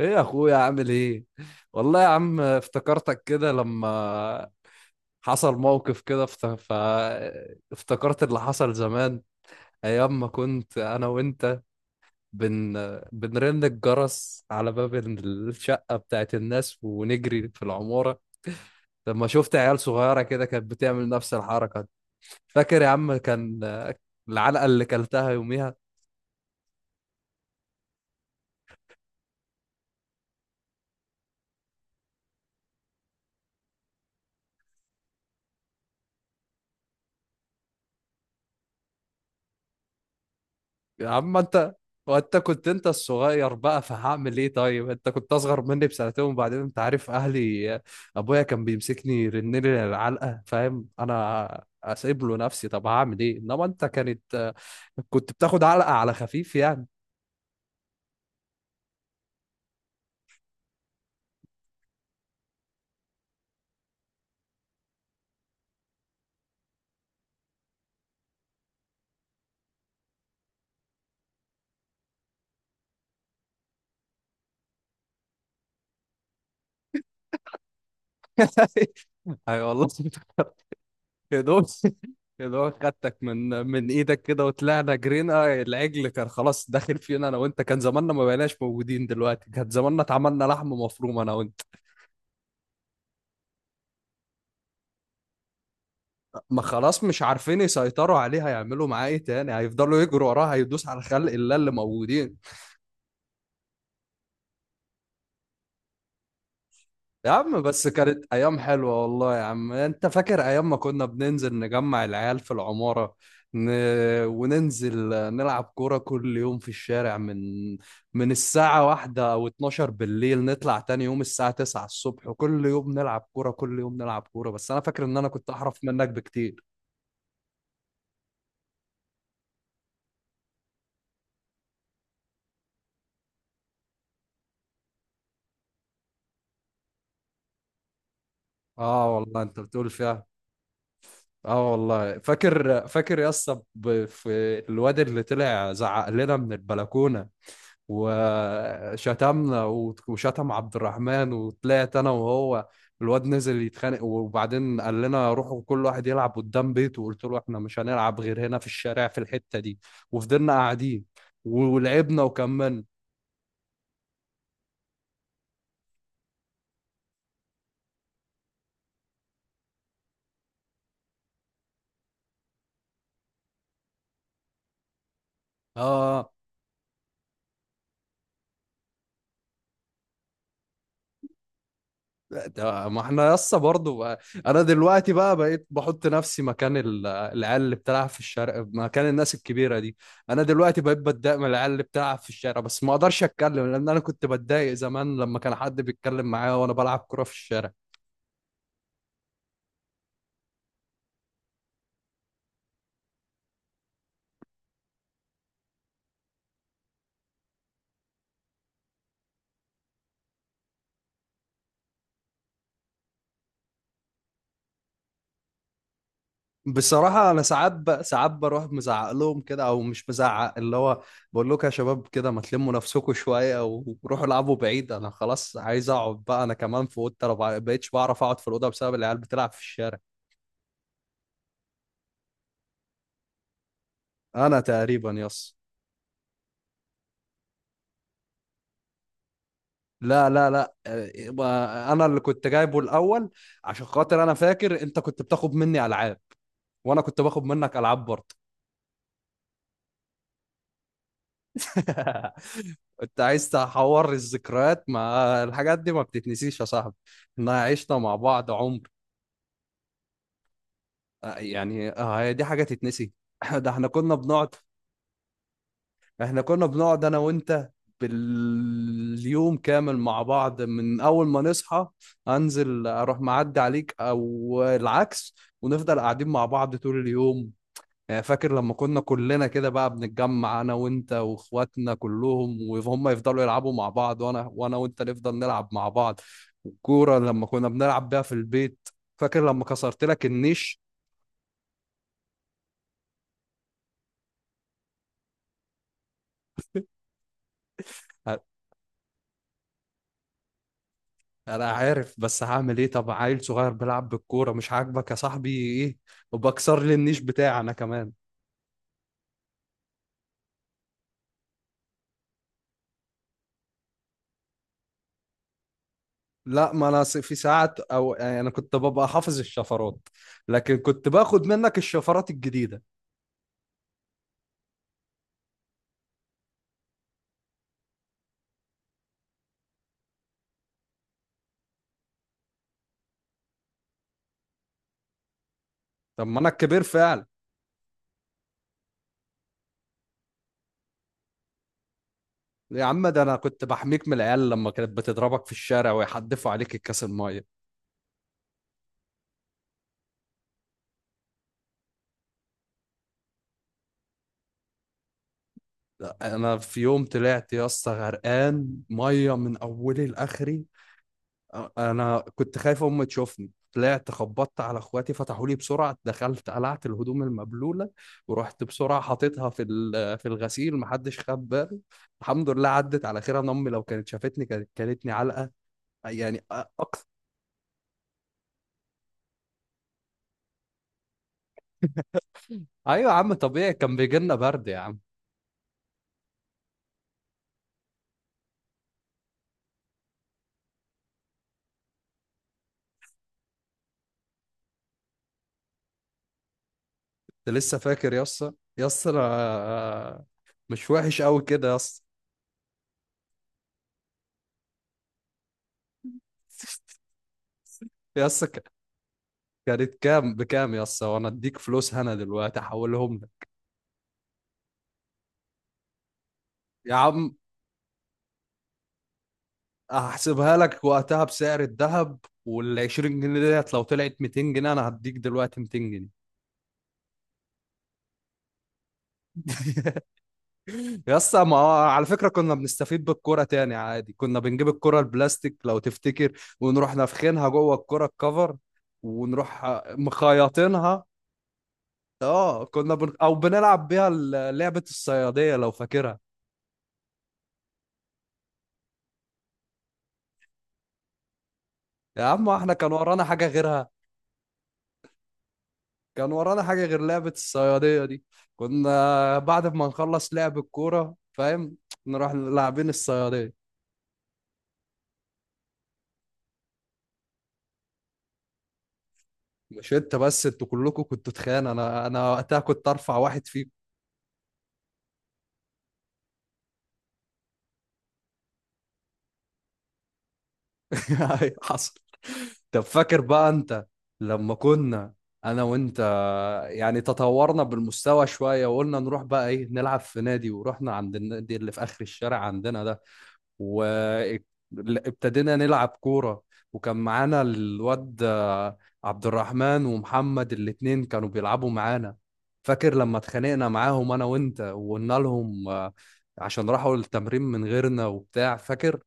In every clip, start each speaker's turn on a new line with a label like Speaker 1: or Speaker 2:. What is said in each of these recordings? Speaker 1: ايه يا اخويا عامل ايه؟ والله يا عم افتكرتك كده لما حصل موقف كده افتكرت اللي حصل زمان، ايام ما كنت انا وانت بن... بنرن الجرس على باب الشقة بتاعت الناس ونجري في العمارة، لما شفت عيال صغيرة كده كانت بتعمل نفس الحركة. فاكر يا عم كان العلقة اللي كلتها يوميها؟ يا عم انت، وانت كنت انت الصغير بقى فهعمل ايه؟ طيب انت كنت اصغر مني بسنتين، وبعدين انت عارف اهلي، ابويا كان بيمسكني يرنني العلقه، فاهم؟ انا اسيب له نفسي، طب هعمل ايه؟ انما انت كانت كنت بتاخد علقه على خفيف يعني. اي والله. يا دوب يا دوب خدتك من ايدك كده وطلعنا جرينا. العجل كان خلاص داخل فينا انا وانت، كان زماننا ما بقيناش موجودين دلوقتي، كان زماننا اتعملنا لحم مفروم انا وانت. ما خلاص مش عارفين يسيطروا عليه، هيعملوا معاه ايه تاني؟ هيفضلوا يجروا وراه، هيدوس على خلق الله اللي موجودين. يا عم بس كانت ايام حلوه، والله يا عم. انت فاكر ايام ما كنا بننزل نجمع العيال في العماره، ن... وننزل نلعب كوره كل يوم في الشارع من الساعه واحدة او 12 بالليل، نطلع تاني يوم الساعه 9 الصبح، وكل يوم نلعب كوره، كل يوم نلعب كوره؟ بس انا فاكر ان انا كنت احرف منك بكتير. اه والله انت بتقول فيها. اه والله فاكر، يا اسطى، في الواد اللي طلع زعق لنا من البلكونه وشتمنا وشتم عبد الرحمن، وطلعت انا وهو. الواد نزل يتخانق، وبعدين قال لنا روحوا كل واحد يلعب قدام بيته، وقلت له احنا مش هنلعب غير هنا في الشارع في الحته دي، وفضلنا قاعدين ولعبنا وكملنا. اه. ما احنا يسا برضو بقى. انا دلوقتي بقى بقيت بحط نفسي مكان العيال اللي بتلعب في الشارع، مكان الناس الكبيره دي. انا دلوقتي بقيت بتضايق من العيال اللي بتلعب في الشارع، بس ما اقدرش اتكلم لان انا كنت بتضايق زمان لما كان حد بيتكلم معايا وانا بلعب كرة في الشارع. بصراحه انا ساعات ساعات بروح مزعق لهم كده، او مش مزعق، اللي هو بقول لكم يا شباب كده، ما تلموا نفسكم شويه وروحوا العبوا بعيد، انا خلاص عايز اقعد بقى انا كمان في اوضتي. انا ما بقيتش بعرف اقعد في الاوضه بسبب العيال بتلعب في الشارع. انا تقريبا يس. لا لا لا آه، يبقى انا اللي كنت جايبه الاول. عشان خاطر انا فاكر انت كنت بتاخد مني العاب، وانا كنت باخد منك العاب برضه. انت عايز تحور الذكريات؟ ما الحاجات دي ما بتتنسيش يا صاحبي، احنا عشنا مع بعض عمر. آه، يعني آه، هي دي حاجه تتنسي؟ ده احنا كنا بنقعد، انا وانت باليوم كامل مع بعض، من اول ما نصحى انزل اروح معدي عليك او العكس، ونفضل قاعدين مع بعض طول اليوم. يعني فاكر لما كنا كلنا كده بقى بنتجمع انا وانت واخواتنا كلهم، وهم يفضلوا يلعبوا مع بعض، وانا وانت نفضل نلعب مع بعض، والكورة لما كنا بنلعب بيها في البيت، فاكر لما كسرت لك النيش؟ انا عارف، بس هعمل ايه؟ طب عيل صغير بيلعب بالكوره مش عاجبك يا صاحبي ايه، وبكسر لي النيش بتاعي انا كمان؟ لا، ما انا في ساعات، او يعني انا كنت ببقى حافظ الشفرات، لكن كنت باخد منك الشفرات الجديده. طب ما انا الكبير فعلا. يا عم ده انا كنت بحميك من العيال لما كانت بتضربك في الشارع، ويحدفوا عليك الكاس الميه. لا، انا في يوم طلعت يا اسطى غرقان ميه من اولي لاخري، انا كنت خايف امي تشوفني، طلعت خبطت على اخواتي فتحوا لي بسرعه، دخلت قلعت الهدوم المبلوله، ورحت بسرعه حاططها في في الغسيل محدش خد باله. الحمد لله عدت على خير، انا امي لو كانت شافتني كانت كلتني علقه يعني، اقصى. ايوه يا عم طبيعي، كان بيجي لنا برد يا عم. انت لسه فاكر يا اسطى؟ يا اسطى أنا مش وحش قوي كده يا اسطى. يا اسطى كانت كام بكام يا اسطى؟ وانا اديك فلوس هنا دلوقتي، احولهم لك. يا عم هحسبها لك وقتها بسعر الذهب، وال 20 جنيه ديت لو طلعت 200 جنيه انا هديك دلوقتي 200 جنيه. يا اسطى ما هو على فكره كنا بنستفيد بالكوره تاني عادي، كنا بنجيب الكوره البلاستيك لو تفتكر، ونروح نافخينها جوه الكوره الكفر، ونروح مخيطينها. اه كنا او بنلعب بيها لعبه الصياديه لو فاكرها. يا عم احنا كان ورانا حاجه غيرها؟ كان ورانا حاجة غير لعبة الصيادية دي؟ كنا بعد ما نخلص لعب الكورة فاهم، نروح لاعبين الصيادية. مش انت بس، انتوا كلكم كنتوا تخان، انا وقتها كنت ارفع واحد فيكم. أيوة، حصل. طب فاكر بقى انت لما كنا انا وانت يعني تطورنا بالمستوى شوية، وقلنا نروح بقى ايه نلعب في نادي، ورحنا عند النادي اللي في اخر الشارع عندنا ده، وابتدينا نلعب كورة؟ وكان معانا الواد آه، عبد الرحمن ومحمد، الاتنين كانوا بيلعبوا معانا. فاكر لما اتخانقنا معاهم انا وانت، وقلنا لهم آه، عشان راحوا التمرين من غيرنا وبتاع، فاكر؟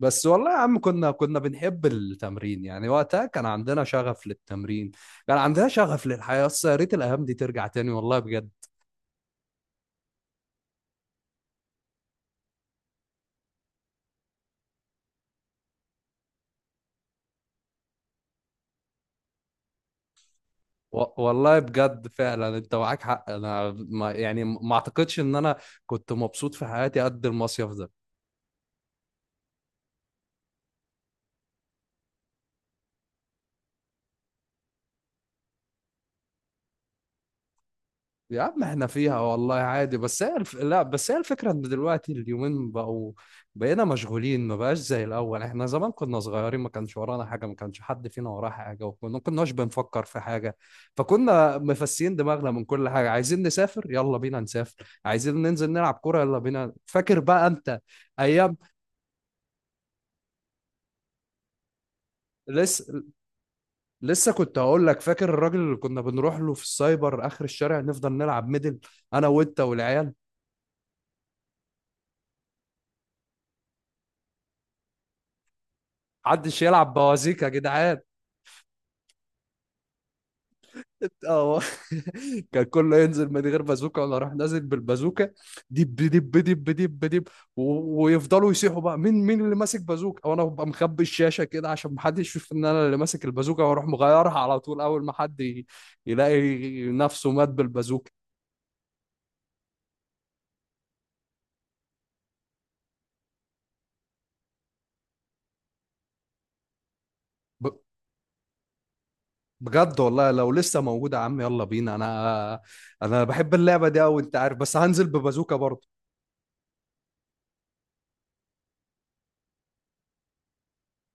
Speaker 1: بس والله يا عم كنا بنحب التمرين يعني، وقتها كان عندنا شغف للتمرين، كان عندنا شغف للحياة، بس يا ريت الايام دي ترجع تاني والله بجد. والله بجد فعلا انت معاك حق، انا ما يعني ما اعتقدش ان انا كنت مبسوط في حياتي قد المصيف ده. يا عم احنا فيها والله عادي، بس هي لا، بس هي الفكره ان دلوقتي اليومين بقوا، بقينا مشغولين، ما بقاش زي الاول. احنا زمان كنا صغيرين، ما كانش ورانا حاجه، ما كانش حد فينا وراه حاجه، وكنا ما كناش بنفكر في حاجه، فكنا مفسيين دماغنا من كل حاجه. عايزين نسافر يلا بينا نسافر، عايزين ننزل نلعب كوره يلا بينا. فاكر بقى انت ايام لسه، كنت هقول لك، فاكر الراجل اللي كنا بنروح له في السايبر اخر الشارع، نفضل نلعب ميدل انا وانت والعيال؟ محدش يلعب بوازيك يا جدعان. اه. كان كله ينزل من غير بازوكا، ولا راح نازل بالبازوكا، دب دب دب دب دب، ويفضلوا يصيحوا بقى مين، اللي ماسك بازوكا، وانا ببقى مخبي الشاشه كده عشان محدش يشوف ان انا اللي ماسك البازوكا، واروح مغيرها على طول اول ما حد يلاقي نفسه مات بالبازوكا. ب- بجد والله لو لسه موجودة يا عم يلا بينا، انا انا بحب اللعبة دي أوي انت عارف، بس هنزل ببازوكا برضه.